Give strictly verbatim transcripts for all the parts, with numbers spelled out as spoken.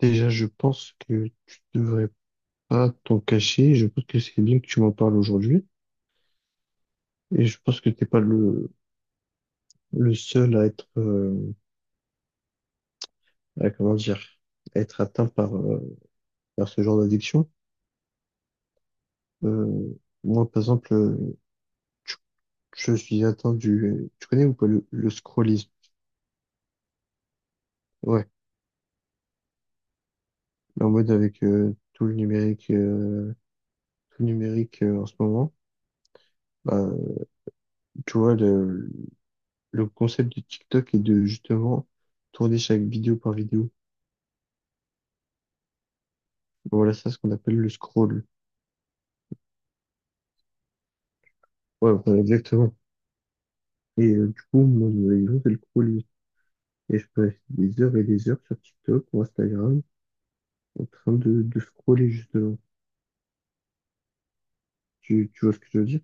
Déjà, je pense que tu devrais pas t'en cacher. Je pense que c'est bien que tu m'en parles aujourd'hui. Et je pense que t'es pas le, le seul à être, euh, à, comment dire, à être atteint par, euh, par ce genre d'addiction. Euh, Moi, par exemple, euh, tu- je suis atteint du, tu connais ou pas le, le scrollisme? Ouais. En mode avec euh, tout le numérique, euh, tout le numérique euh, en ce moment. Bah, tu vois, le, le concept de TikTok est de justement tourner chaque vidéo par vidéo. Voilà, c'est ce qu'on appelle le scroll. Ouais, voilà, exactement. Et euh, du coup, moi, les gens, c'est le scroll. Et je passe des heures et des heures sur TikTok ou Instagram en train de, de scroller, justement. Tu, tu vois ce que je veux dire?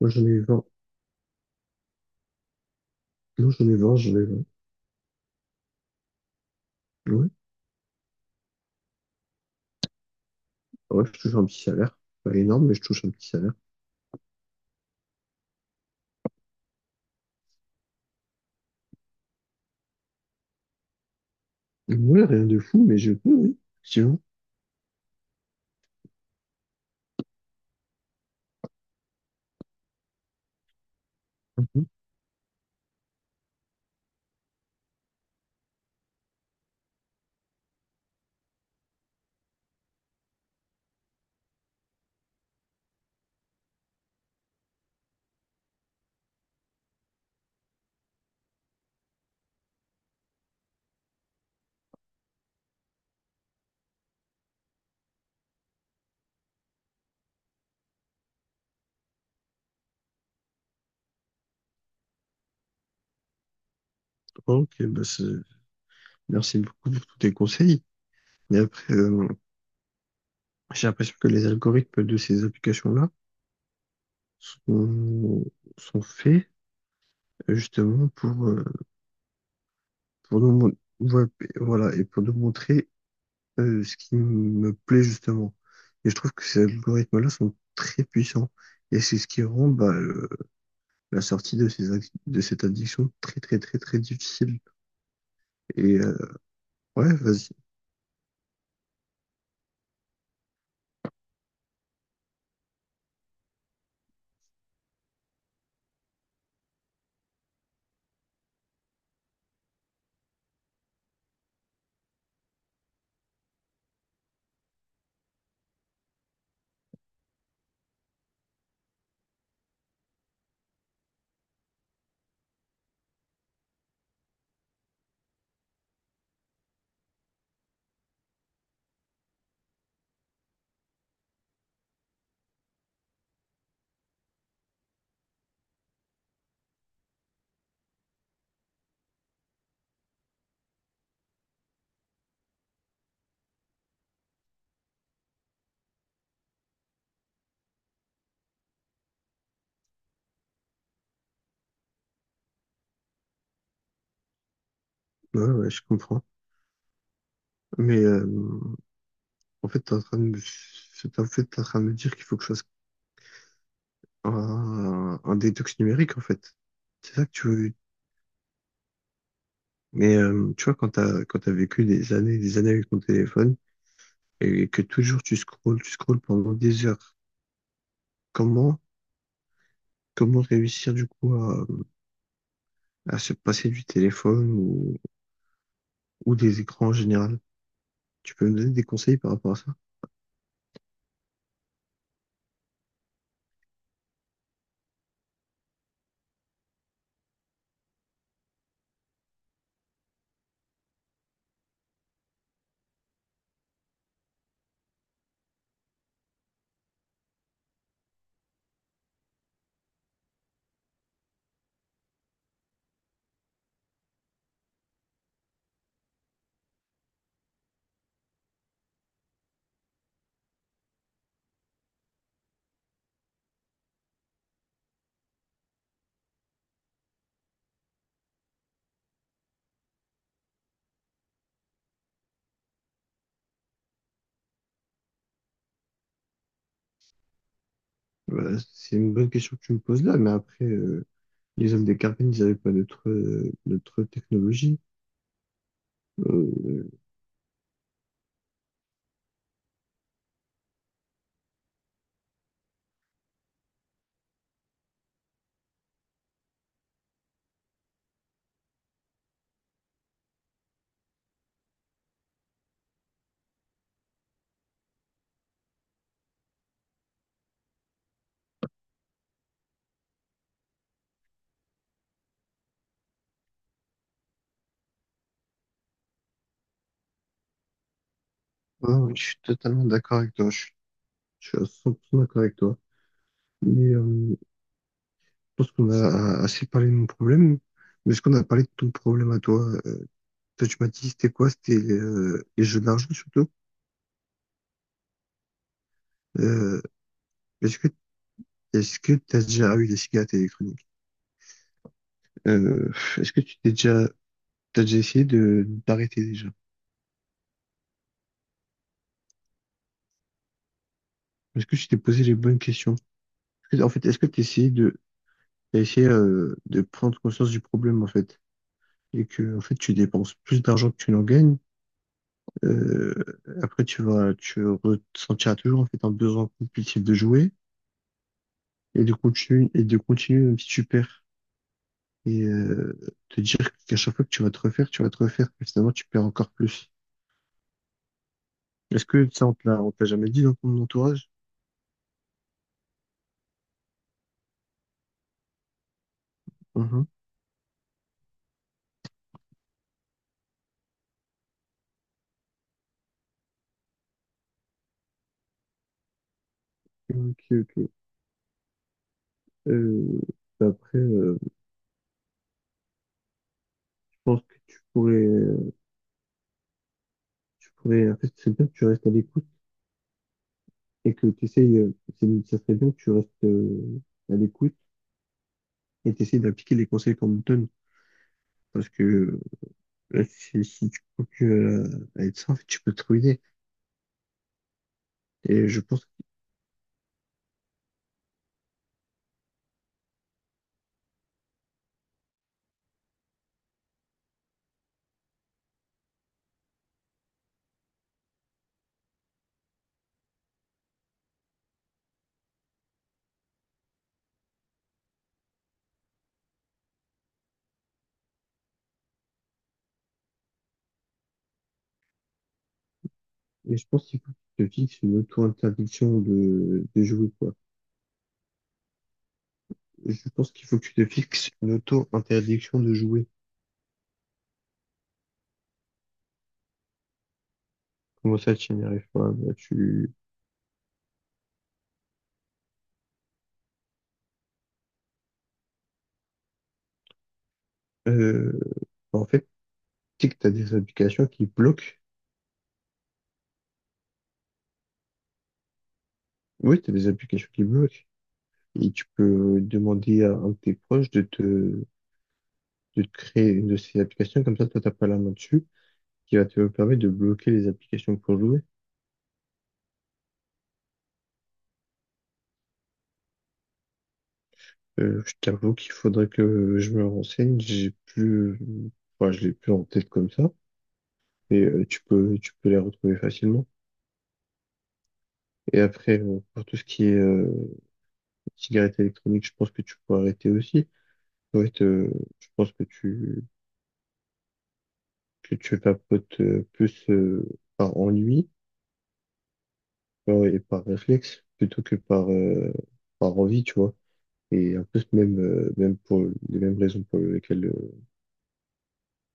Moi, j'en ai vingt. Non, j'en ai vingt j'en ai vingt. Ouais. Ouais, je touche un petit salaire. Pas énorme, mais je touche un petit salaire. Ouais, rien de fou, mais je peux, oui. Effectivement. Mhm. Ok, bah c'est- merci beaucoup pour tous tes conseils. Mais après, euh, j'ai l'impression que les algorithmes de ces applications-là sont, sont faits justement pour, euh, pour nous, mon- ouais, voilà, et pour nous montrer euh, ce qui me plaît justement. Et je trouve que ces algorithmes-là sont très puissants. Et c'est ce qui rend bah, le- la sortie de, ces, ac- de cette addiction très très très très difficile. Et euh, ouais, vas-y, ouais, ouais, je comprends. Mais euh, en fait, t'es en train de me, c'est- en fait, t'es en train de me dire qu'il faut que je fasse un, un détox numérique en fait. C'est ça que tu veux. Mais euh, tu vois, quand t'as, quand t'as vécu des années des années avec ton téléphone, et que toujours tu scrolles, tu scrolles pendant des heures. Comment, Comment réussir du coup à, à se passer du téléphone ou, ou des écrans en général? Tu peux me donner des conseils par rapport à ça? Voilà, c'est une bonne question que tu me poses là, mais après, euh, les hommes des cavernes ils n'avaient pas notre, euh, notre technologie. Euh, ouais, ouais, je suis totalement d'accord avec toi, je, suis je suis à cent pour cent d'accord avec toi. Mais, euh, pense qu'on a assez parlé de mon problème, mais est-ce qu'on a parlé de ton problème à toi? Euh, Toi, tu m'as dit, c'était quoi? C'était euh, les jeux d'argent surtout. Euh, est-ce que est-ce que t'as déjà eu des cigarettes électroniques? Euh, est-ce que tu t'es déjà t'as déjà essayé de d'arrêter déjà? Est-ce que tu t'es posé les bonnes questions? Est-ce que- En fait, est-ce que tu essayé de t'as essayé euh, de prendre conscience du problème en fait et que en fait tu dépenses plus d'argent que tu n'en gagnes? Euh, Après, tu vas tu ressentiras toujours en fait un besoin compulsif de jouer, et de continuer, et de continuer même si tu perds. Et euh, te dire qu'à chaque fois que tu vas te refaire, tu vas te refaire, et finalement tu perds encore plus. Est-ce que ça, on te l'a on te l'a jamais dit dans ton entourage? Mhm. Ok, ok. Euh, après, euh, je pense que tu pourrais, euh, tu pourrais, en fait, c'est bien que tu restes à l'écoute et que tu essayes, euh, c'est- ça serait bien que tu restes euh, à l'écoute et tu essayes d'appliquer les conseils qu'on te donne. Parce que euh, si, si tu continues à, à être ça, en fait, tu peux te ruiner. Et je pense Et je pense qu'il faut que tu te fixes une auto-interdiction de, de jouer, quoi. Je pense qu'il faut que tu te fixes une auto-interdiction de jouer. Comment ça, tu n'y arrives pas? Bah, tu, euh, en fait, tu sais que t'as des applications qui bloquent. Oui, t'as des applications qui bloquent. Et tu peux demander à un de tes proches de te, de te créer une de ces applications. Comme ça, toi, t'as pas la main dessus, qui va te permettre de bloquer les applications pour jouer. Euh, je t'avoue qu'il faudrait que je me renseigne. J'ai plus, enfin, je l'ai plus en tête comme ça, et euh, tu peux, tu peux les retrouver facilement. Et après, euh, pour tout ce qui est euh, cigarette électronique, je pense que tu peux arrêter aussi. En fait, euh, je pense que tu, que tu vapotes euh, plus euh, par ennui euh, et par réflexe plutôt que par, euh, par envie, tu vois. Et en plus, même, euh, même pour les mêmes raisons pour lesquelles euh,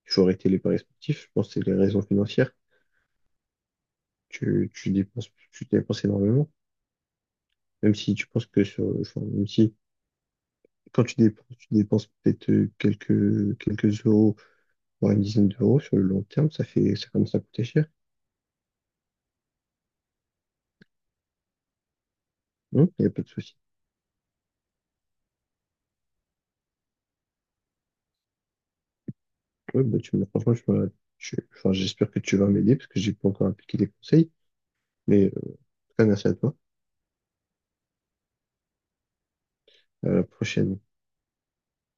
tu aurais été les paris sportifs, je pense que c'est les raisons financières. Tu, tu dépenses, tu dépenses énormément, même si tu penses que sur, enfin, même si quand tu dépenses, tu dépenses peut-être euh, quelques, quelques euros, voire une dizaine d'euros sur le long terme, ça fait, ça commence à coûter cher. Il n'y a pas de souci. Ouais, bah, tu, me- franchement, tu m'as- tu- enfin, j'espère que tu vas m'aider parce que j'ai pas encore appliqué les conseils. Mais euh, en tout cas, merci à toi. À la prochaine.